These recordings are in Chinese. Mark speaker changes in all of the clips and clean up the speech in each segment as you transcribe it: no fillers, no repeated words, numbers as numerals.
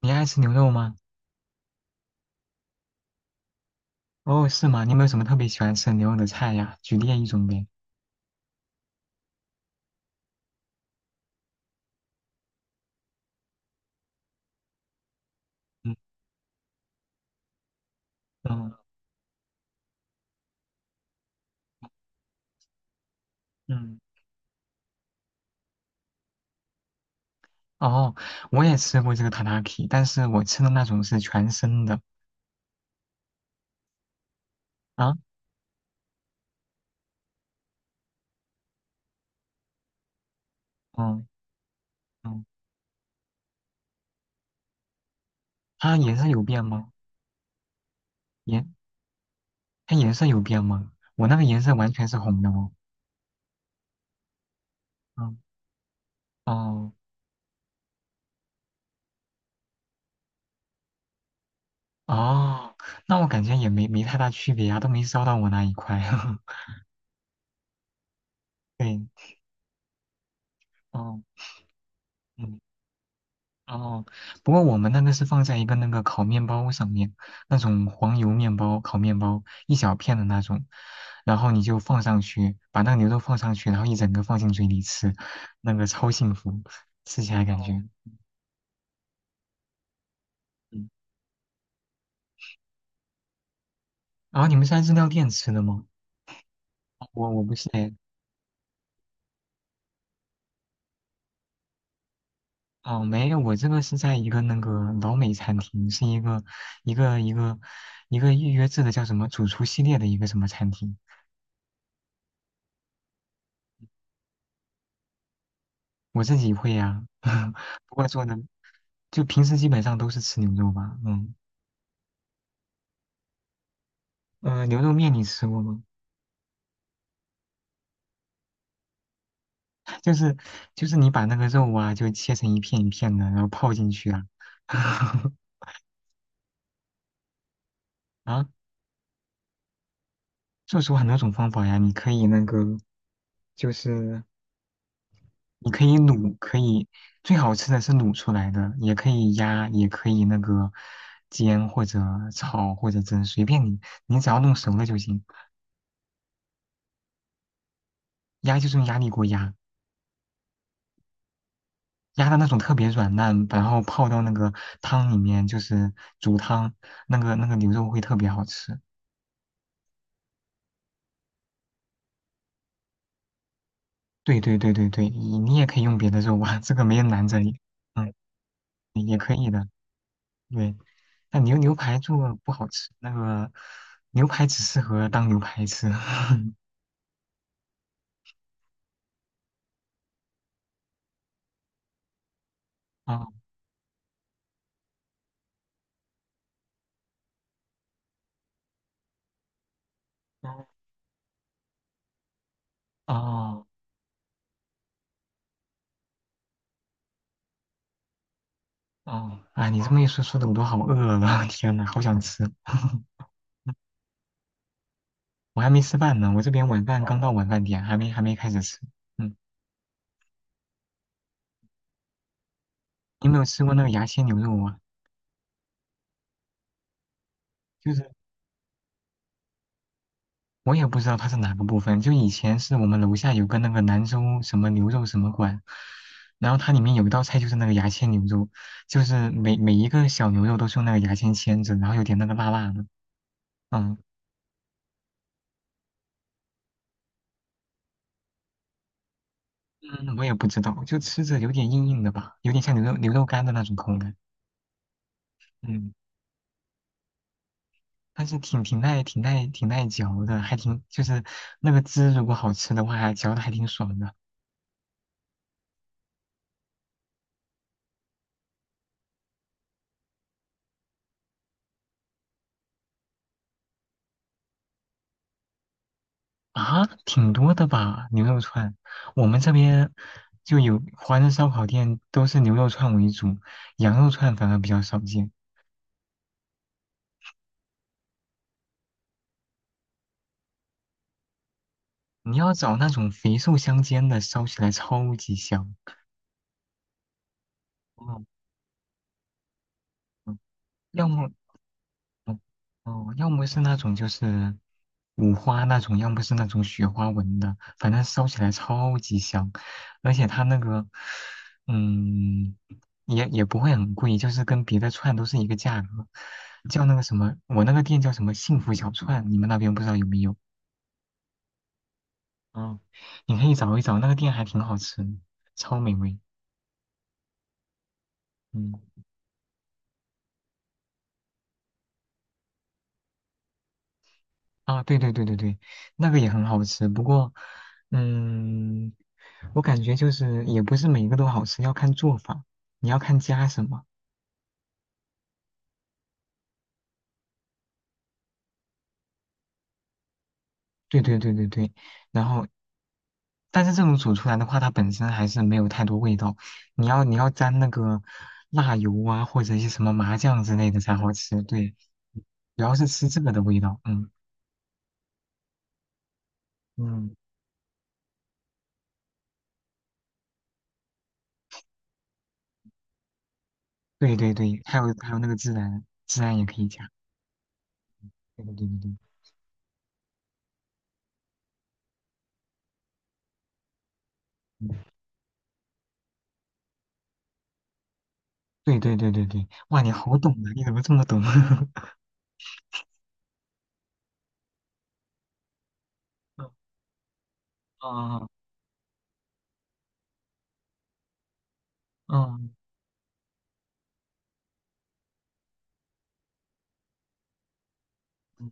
Speaker 1: 你爱吃牛肉吗？哦，是吗？你有没有什么特别喜欢吃的牛肉的菜呀？举例一种呗。嗯嗯嗯。哦，我也吃过这个塔塔 k， 但是我吃的那种是全生的啊。嗯嗯，它颜色有变吗？颜它颜色有变吗？我那个颜色完全是红的哦。嗯，哦哦，那我感觉也没太大区别啊，都没烧到我那一块。对，哦，嗯。哦，不过我们那个是放在一个那个烤面包上面，那种黄油面包、烤面包一小片的那种，然后你就放上去，把那个牛肉放上去，然后一整个放进嘴里吃，那个超幸福，吃起来感觉。哦，嗯，然后你们是在日料店吃的吗？我不是哎，哦没有，我这个是在一个那个老美餐厅，是一个一个一个预约制的叫什么主厨系列的一个什么餐厅。我自己会呀、不过做的就平时基本上都是吃牛肉吧，嗯，牛肉面你吃过吗？就是就是你把那个肉啊，就切成一片一片的，然后泡进去啊，啊，做出很多种方法呀，你可以那个，就是你可以卤，可以最好吃的是卤出来的，也可以压，也可以那个煎或者炒或者蒸，随便你，你只要弄熟了就行，压就是用压力锅压。压的那种特别软烂，然后泡到那个汤里面，就是煮汤，那个牛肉会特别好吃。对对对对对，你也可以用别的肉啊，这个没人拦着你，嗯，也可以的。对，但牛排做不好吃，那个牛排只适合当牛排吃。哦哦哦哦！哎，你这么一说，说的我都好饿了，天呐，好想吃。我还没吃饭呢，我这边晚饭刚到晚饭点，还没开始吃。嗯，你有没有吃过那个牙签牛肉啊？就是我也不知道它是哪个部分。就以前是我们楼下有个那个兰州什么牛肉什么馆，然后它里面有一道菜就是那个牙签牛肉，就是每一个小牛肉都是用那个牙签签着，然后有点那个辣辣的。嗯嗯，我也不知道，就吃着有点硬硬的吧，有点像牛肉干的那种口感。嗯，但是挺耐嚼的，还挺就是那个汁如果好吃的话，嚼的还挺爽的。啊，挺多的吧，牛肉串。我们这边就有华人烧烤店，都是牛肉串为主，羊肉串反而比较少见。你要找那种肥瘦相间的，烧起来超级香。嗯，嗯要么哦，哦要么是那种就是五花那种，要么是那种雪花纹的，反正烧起来超级香，而且它那个，嗯，也不会很贵，就是跟别的串都是一个价格，叫那个什么，我那个店叫什么幸福小串，你们那边不知道有没有？嗯，你可以找一找，那个店还挺好吃的，超美味。嗯。啊，对对对对对，那个也很好吃。不过，嗯，我感觉就是也不是每一个都好吃，要看做法，你要看加什么。对对对对对，然后，但是这种煮出来的话，它本身还是没有太多味道。你要沾那个辣油啊，或者一些什么麻酱之类的才好吃。对，主要是吃这个的味道。嗯嗯，对对对，还有还有那个孜然，孜然也可以加。对对对对对。嗯，对对对对对，哇，你好懂啊！你怎么这么懂？啊，嗯嗯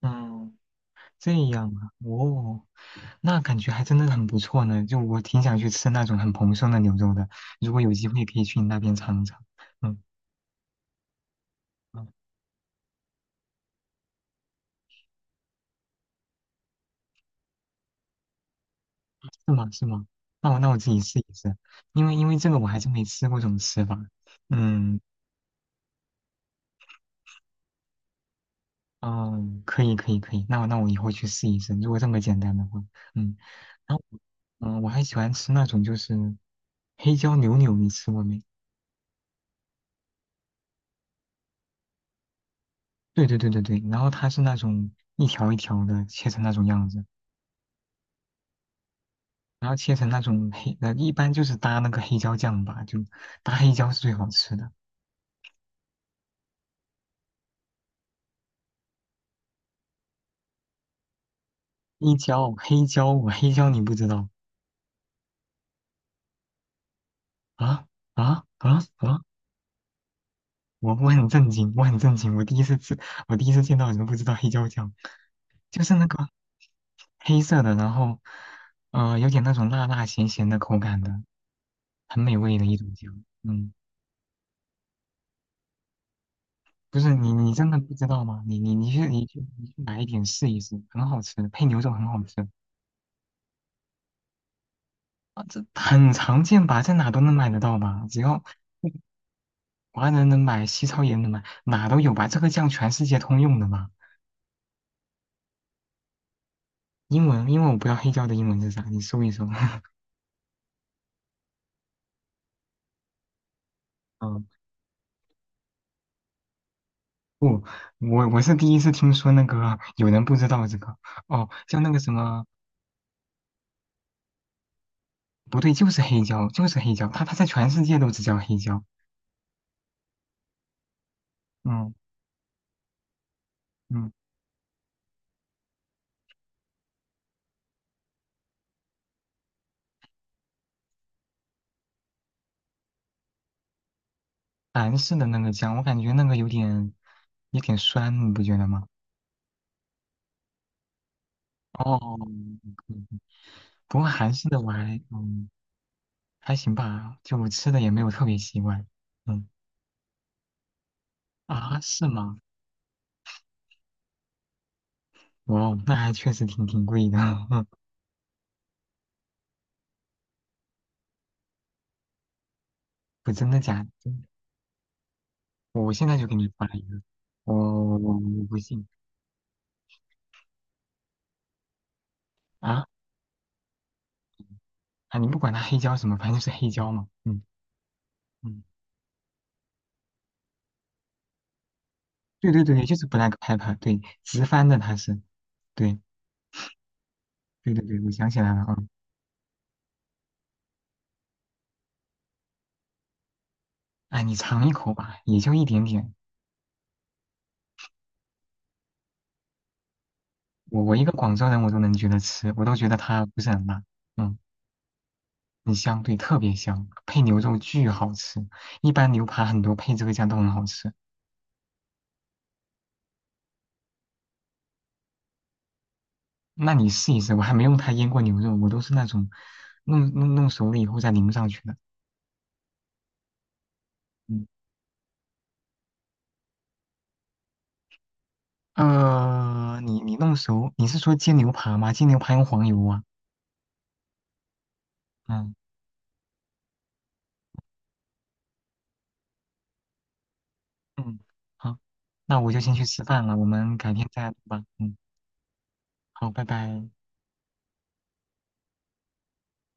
Speaker 1: 嗯，这样啊，哦，那感觉还真的很不错呢。就我挺想去吃那种很蓬松的牛肉的，如果有机会可以去你那边尝一尝。嗯嗯，是吗？是吗？那我自己试一试，因为这个我还真没吃过这种吃法。嗯嗯，可以可以可以，那我以后去试一试，如果这么简单的话，嗯。然后，嗯，我还喜欢吃那种就是黑椒牛柳，你吃过没？对对对对对，然后它是那种一条一条的切成那种样子，然后切成那种一般就是搭那个黑椒酱吧，就搭黑椒是最好吃的。黑椒，黑椒，我黑椒你不知道啊啊啊啊！我很震惊，我很震惊，我第一次吃，我第一次见到有人不知道黑椒酱，就是那个黑色的，然后有点那种辣辣咸咸的口感的，很美味的一种酱。嗯，不是你真的不知道吗？你去买一点试一试，很好吃，配牛肉很好吃。啊，这很常见吧，在哪都能买得到吧，只要华人能买，西超也能买，哪都有吧，这个酱全世界通用的嘛。英文，因为我不知道黑椒的英文是啥，你搜一搜。嗯，我是第一次听说那个有人不知道这个哦，像那个什么不对，就是黑椒，就是黑椒。它在全世界都只叫黑椒。嗯嗯，韩式的那个酱，我感觉那个有点酸，你不觉得吗？哦，嗯，不过韩式的我还还行吧，就吃的也没有特别习惯。嗯，啊，是吗？哇哦，那还确实挺贵的。不，真的假的？真的我现在就给你发一个，我我不信啊。啊，你不管它黑椒什么，反正就是黑椒嘛。嗯嗯，对对对，就是 black pepper，对，直翻的它是，对对对对，我想起来了啊。哎，你尝一口吧，也就一点点。我一个广州人，我都能觉得吃，我都觉得它不是很辣。嗯，很香，对，特别香，配牛肉巨好吃。一般牛扒很多配这个酱都很好吃。那你试一试，我还没用它腌过牛肉，我都是那种弄熟了以后再淋上去的。嗯。你弄熟，你是说煎牛排吗？煎牛排用黄油啊。嗯嗯，好，那我就先去吃饭了，我们改天再聊吧。嗯，好，拜拜。